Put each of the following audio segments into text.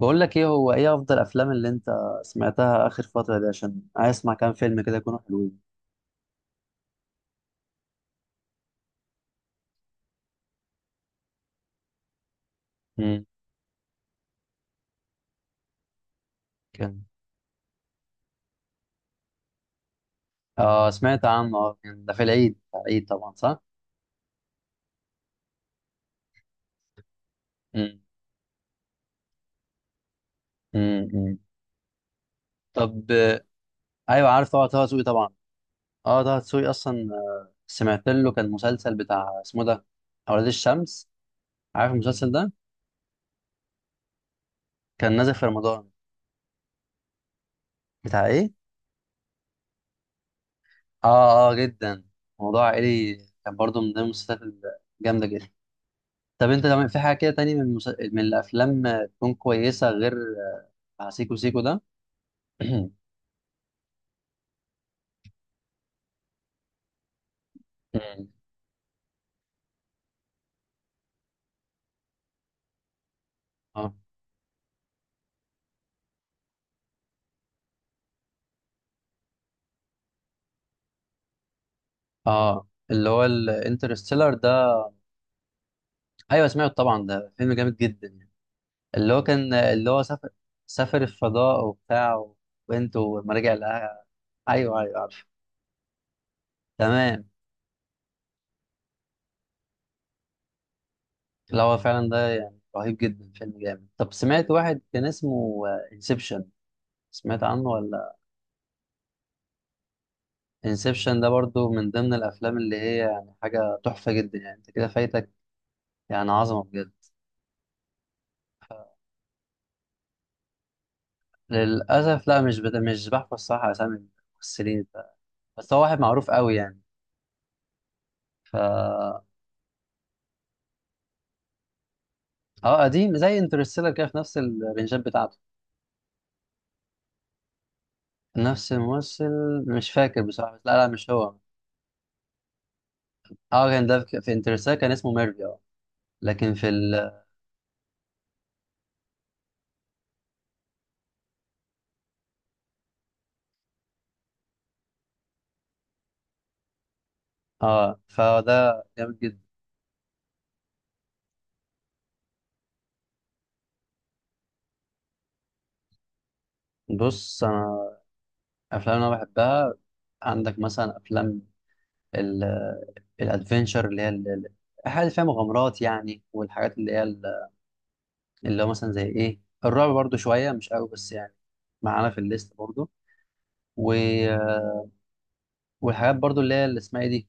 بقول لك ايه، هو ايه افضل افلام اللي انت سمعتها اخر فتره دي؟ عشان عايز اسمع كام فيلم كده يكونوا حلوين. امم كان. اه سمعت عنه، كان ده في العيد طبعا، صح. امم امم طب. ايوه عارف طبعا، طه دسوقي طبعا. اه طه دسوقي اصلا، سمعت له كان مسلسل بتاع اسمه ده، اولاد الشمس. عارف المسلسل ده؟ كان نازل في رمضان. بتاع ايه؟ اه اه جدا، موضوع عائلي. كان برضه من ضمن المسلسلات الجامده جدا. طب انت لما في حاجه كده تاني من من الافلام تكون كويسه غير سيكو سيكو ده؟ اه اه، اللي هو الانترستيلر ده؟ ايوه سمعته طبعا، ده فيلم جامد جدا يعني. اللي هو كان، اللي هو سافر، سافر الفضاء وبتاع، وبنته ولما رجع لها. ايوه ايوه عارف. تمام. لا هو فعلا ده يعني رهيب جدا، فيلم جامد. طب سمعت واحد كان اسمه انسبشن؟ سمعت عنه ولا؟ انسبشن ده برضو من ضمن الافلام اللي هي يعني حاجه تحفه جدا، يعني انت كده فايتك يعني عظمه بجد. للاسف لا، مش بحفظ صح اسامي الممثلين بس هو واحد معروف قوي يعني. ف اه، قديم زي انترستيلر كده، في نفس الرنجات بتاعته. نفس الممثل؟ مش فاكر بصراحه، لا لا مش هو. اه كان ده في انترستيلر كان اسمه ميرفي، اه. لكن في ال، اه فده جامد جدا. بص انا، افلام انا بحبها، عندك مثلا افلام الادفنشر، اللي هي الحاجات اللي فيها مغامرات يعني، والحاجات اللي هي ال، اللي هو مثلا زي ايه، الرعب برضو شويه مش قوي بس يعني معانا في الليست برضو. و... والحاجات برضو اللي هي اللي اسمها ايه دي،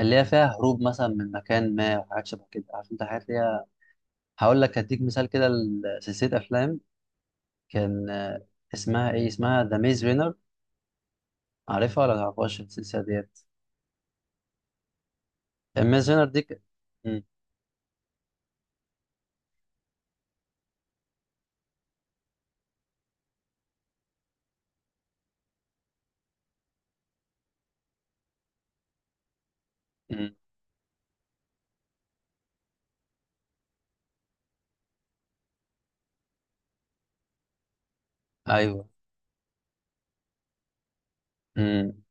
اللي هي فيها هروب مثلا من مكان ما وحاجات شبه كده، عارف انت الحاجات اللي هي. هقول لك هديك مثال كده لسلسله افلام كان اسمها ايه، اسمها ذا ميز رينر. عارفها ولا متعرفهاش السلسله ديت؟ الميز رينر دي م- م- ايوه. م-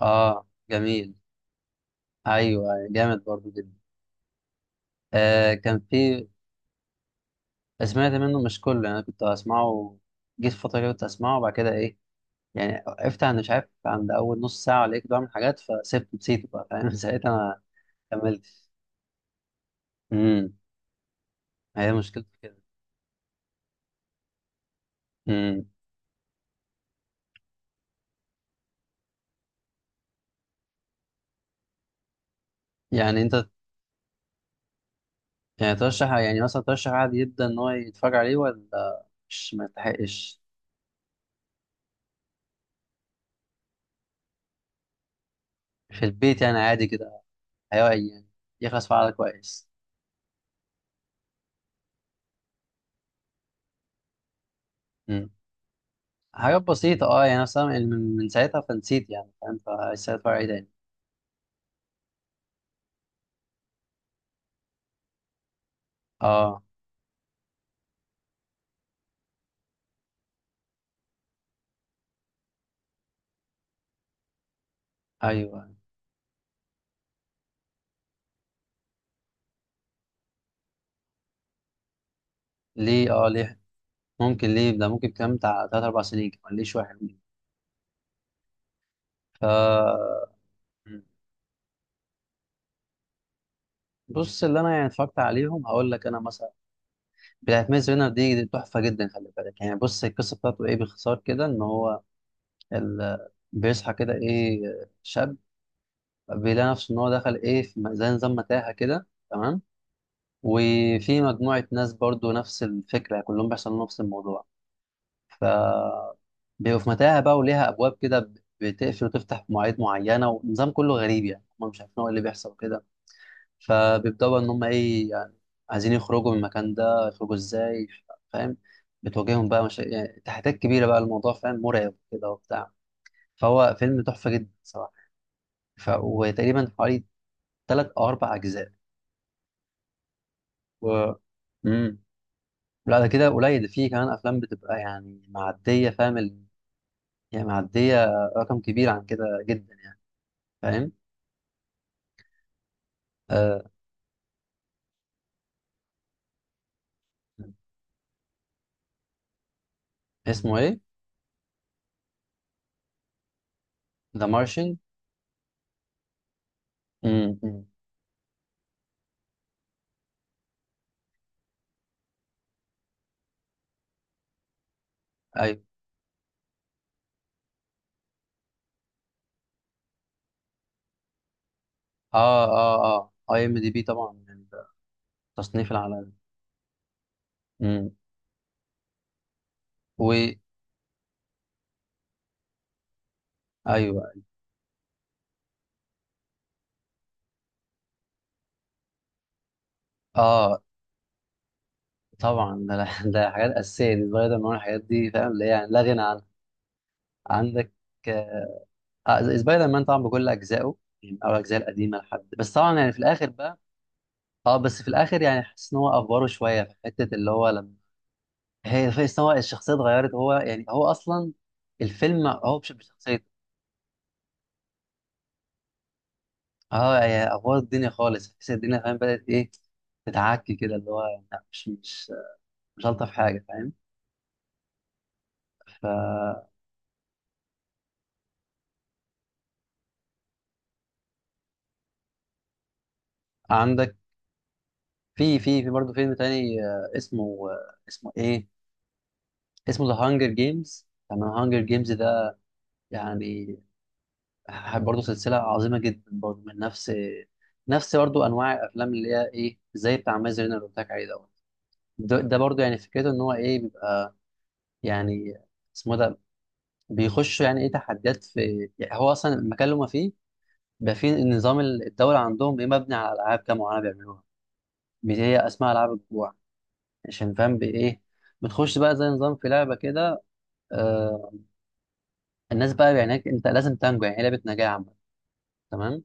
اه جميل. ايوه أيوة، جامد برضو جدا. آه كان في. سمعت منه مش كله يعني، انا كنت اسمعه، جيت فتره كده كنت اسمعه، وبعد كده ايه يعني وقفت عند مش عارف عند اول نص ساعه ولا ايه، كنت بعمل حاجات فسبت نسيته بقى، فاهم؟ ساعتها ما كملتش. امم هي مشكلته كده. امم يعني انت يعني ترشح، يعني مثلا ترشح عادي جدا ان هو يتفرج عليه ولا مش ما يستحقش؟ في البيت يعني عادي كده، هيقعد يعني يخلص فعلا كويس. حاجات بسيطة اه يعني مثلا، من من ساعتها فنسيت يعني، فاهم؟ فلسه هتفرج عليه تاني اه. ايوه ليه اه، ليه ممكن ليه ده؟ ممكن كام بتاع تلات أربع سنين كمان ليه، شوية حلوين. ف بص، اللي أنا يعني اتفرجت عليهم هقول لك أنا مثلا، بتاعت ميز رينر دي دي تحفة جدا، خلي بالك يعني. بص القصة بتاعته إيه باختصار كده، إن هو ال، بيصحى كده إيه، شاب بيلاقي نفسه إن هو دخل إيه في زي نظام متاهة كده، تمام؟ وفي مجموعة ناس برضو نفس الفكرة، كلهم بيحصل لهم نفس الموضوع. ف بيبقوا في متاهة بقى وليها أبواب كده، بتقفل وتفتح في مواعيد معينة، ونظام كله غريب يعني، هم مش عارفين هو إيه اللي بيحصل كده. فبيبدأوا بقى إن هم إيه يعني عايزين يخرجوا من المكان ده، يخرجوا إزاي، فاهم؟ بتواجههم بقى يعني تحديات كبيرة بقى الموضوع، فاهم؟ مرعب كده وبتاع. فهو فيلم تحفة جدا صراحة. وتقريبا حوالي تلات أو أربع أجزاء. و... مم. لا ده كده قليل، ده فيه كمان أفلام بتبقى يعني معدية، فاهم ال، يعني معدية رقم كبير عن كده جدا، فاهم؟ آه، اسمه ايه؟ ذا مارشن. امم ايوه. اه اه اه، IMDb طبعا يعني ده التصنيف العالمي. امم و، ايوه اه طبعا ده، ده حاجات اساسيه دي، سبايدر مان الحاجات دي، فاهم؟ اللي هي يعني لا غنى عنها. عندك آه سبايدر مان طبعا بكل اجزائه، يعني او الاجزاء القديمه لحد بس طبعا، يعني في الاخر بقى اه، بس في الاخر يعني حاسس ان هو افوره شويه في حته، اللي هو لما، هي في ان هو الشخصيه اتغيرت، هو يعني هو اصلا الفيلم هو مش بشخصيته. اه يا افوار الدنيا خالص، تحس الدنيا فاهم بدأت ايه، تتعكي كده اللي هو، لا مش الطف حاجه، فاهم؟ فعندك في برضه فيلم تاني اسمه ايه، اسمه ذا هانجر جيمز، تمام؟ هانجر جيمز ده يعني برضه سلسله عظيمه جدا، برضه من نفس، نفس برضه انواع الافلام اللي هي ايه، زي بتاع مازن اللي قلت لك عليه دوت. ده برضه يعني فكرته ان هو ايه بيبقى يعني اسمه ده، بيخش يعني ايه تحديات في، يعني هو اصلا المكان اللي هما فيه ده، في نظام الدولة عندهم إيه مبني على ألعاب كده معينة بيعملوها، هي اسمها ألعاب الجوع، عشان فاهم بإيه، بتخش بقى زي نظام في لعبة كده. آه الناس بقى يعني هناك أنت لازم تنجو، يعني هي لعبة نجاة عامة، تمام؟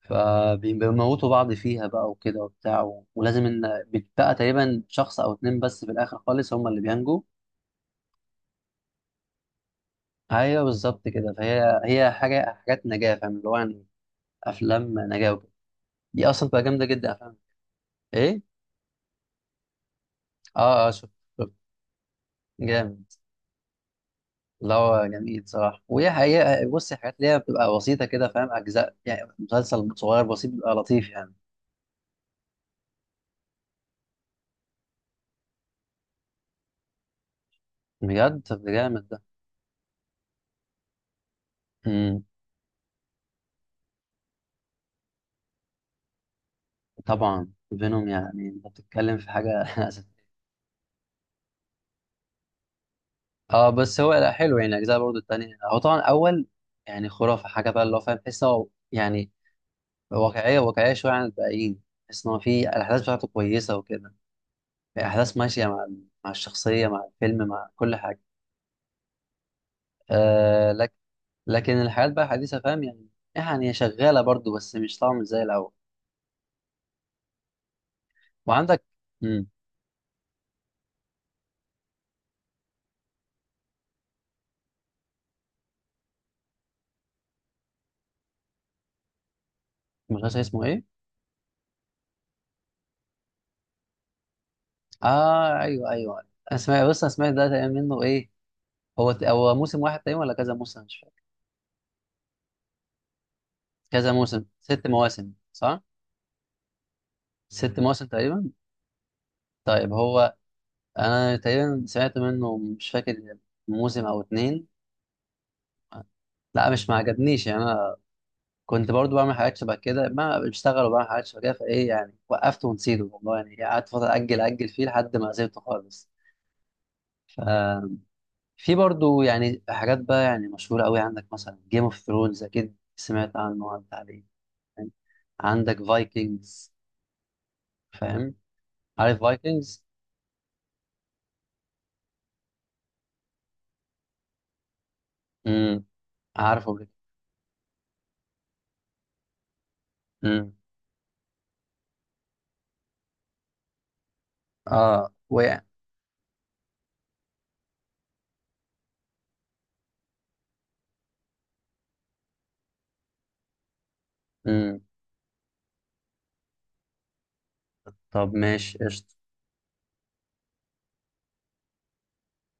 فبيموتوا بعض فيها بقى وكده وبتاع، ولازم إن بتبقى تقريبا شخص أو اتنين بس في الآخر خالص هم اللي بينجوا. أيوه بالظبط كده، فهي هي حاجة، حاجات نجاة فاهم، اللي هو يعني أفلام نجاة وكده، دي أصلا بتبقى جامدة جدا أفلام. إيه؟ آه آه شفت، شفت. جامد. لا هو جميل صراحة، وهي حقيقة بص الحاجات اللي هي بتبقى بسيطة كده فاهم، أجزاء يعني، مسلسل صغير بسيط بيبقى لطيف يعني. بجد؟ طب ده جامد ده. امم طبعا. فينوم يعني أنت بتتكلم في حاجة. اه بس هو لا حلو يعني الأجزاء برضو التانية، هو طبعا أول يعني خرافة حاجة بقى، اللي هو فاهم تحس هو يعني واقعية، واقعية شوية عن الباقيين. تحس إن هو في الأحداث بتاعته كويسة وكده، الأحداث ماشية مع، مع الشخصية مع الفيلم مع كل حاجة. آه لك، لكن الحياة بقى حديثة، فاهم يعني، يعني هي شغالة برضو بس مش طبعا مش زي الأول. وعندك امم المسلسل اسمه إيه؟ آه أيوه أيوه، أنا سمعت، بص أنا سمعت ده تقريبا منه إيه، هو هو موسم واحد تقريبا ولا كذا موسم، مش فاكر. كذا موسم، 6 مواسم صح؟ 6 مواسم تقريبا. طيب هو أنا تقريبا سمعت منه مش فاكر، موسم أو اتنين. لا مش ما عجبنيش يعني، كنت برضو بعمل حاجات شبه كده، ما بشتغل وبعمل حاجات شبه كده، فايه يعني وقفت ونسيته والله يعني، قعدت فتره اجل اجل فيه لحد ما سيبته خالص. ففي برضو يعني حاجات بقى يعني مشهوره قوي، عندك مثلا جيم اوف ثرونز، اكيد سمعت عنه وعدت عليه، فاهم؟ عندك فايكنجز، فاهم؟ عارف فايكنجز؟ امم عارفه. امم اه وقع. امم طب ماشي قشطه.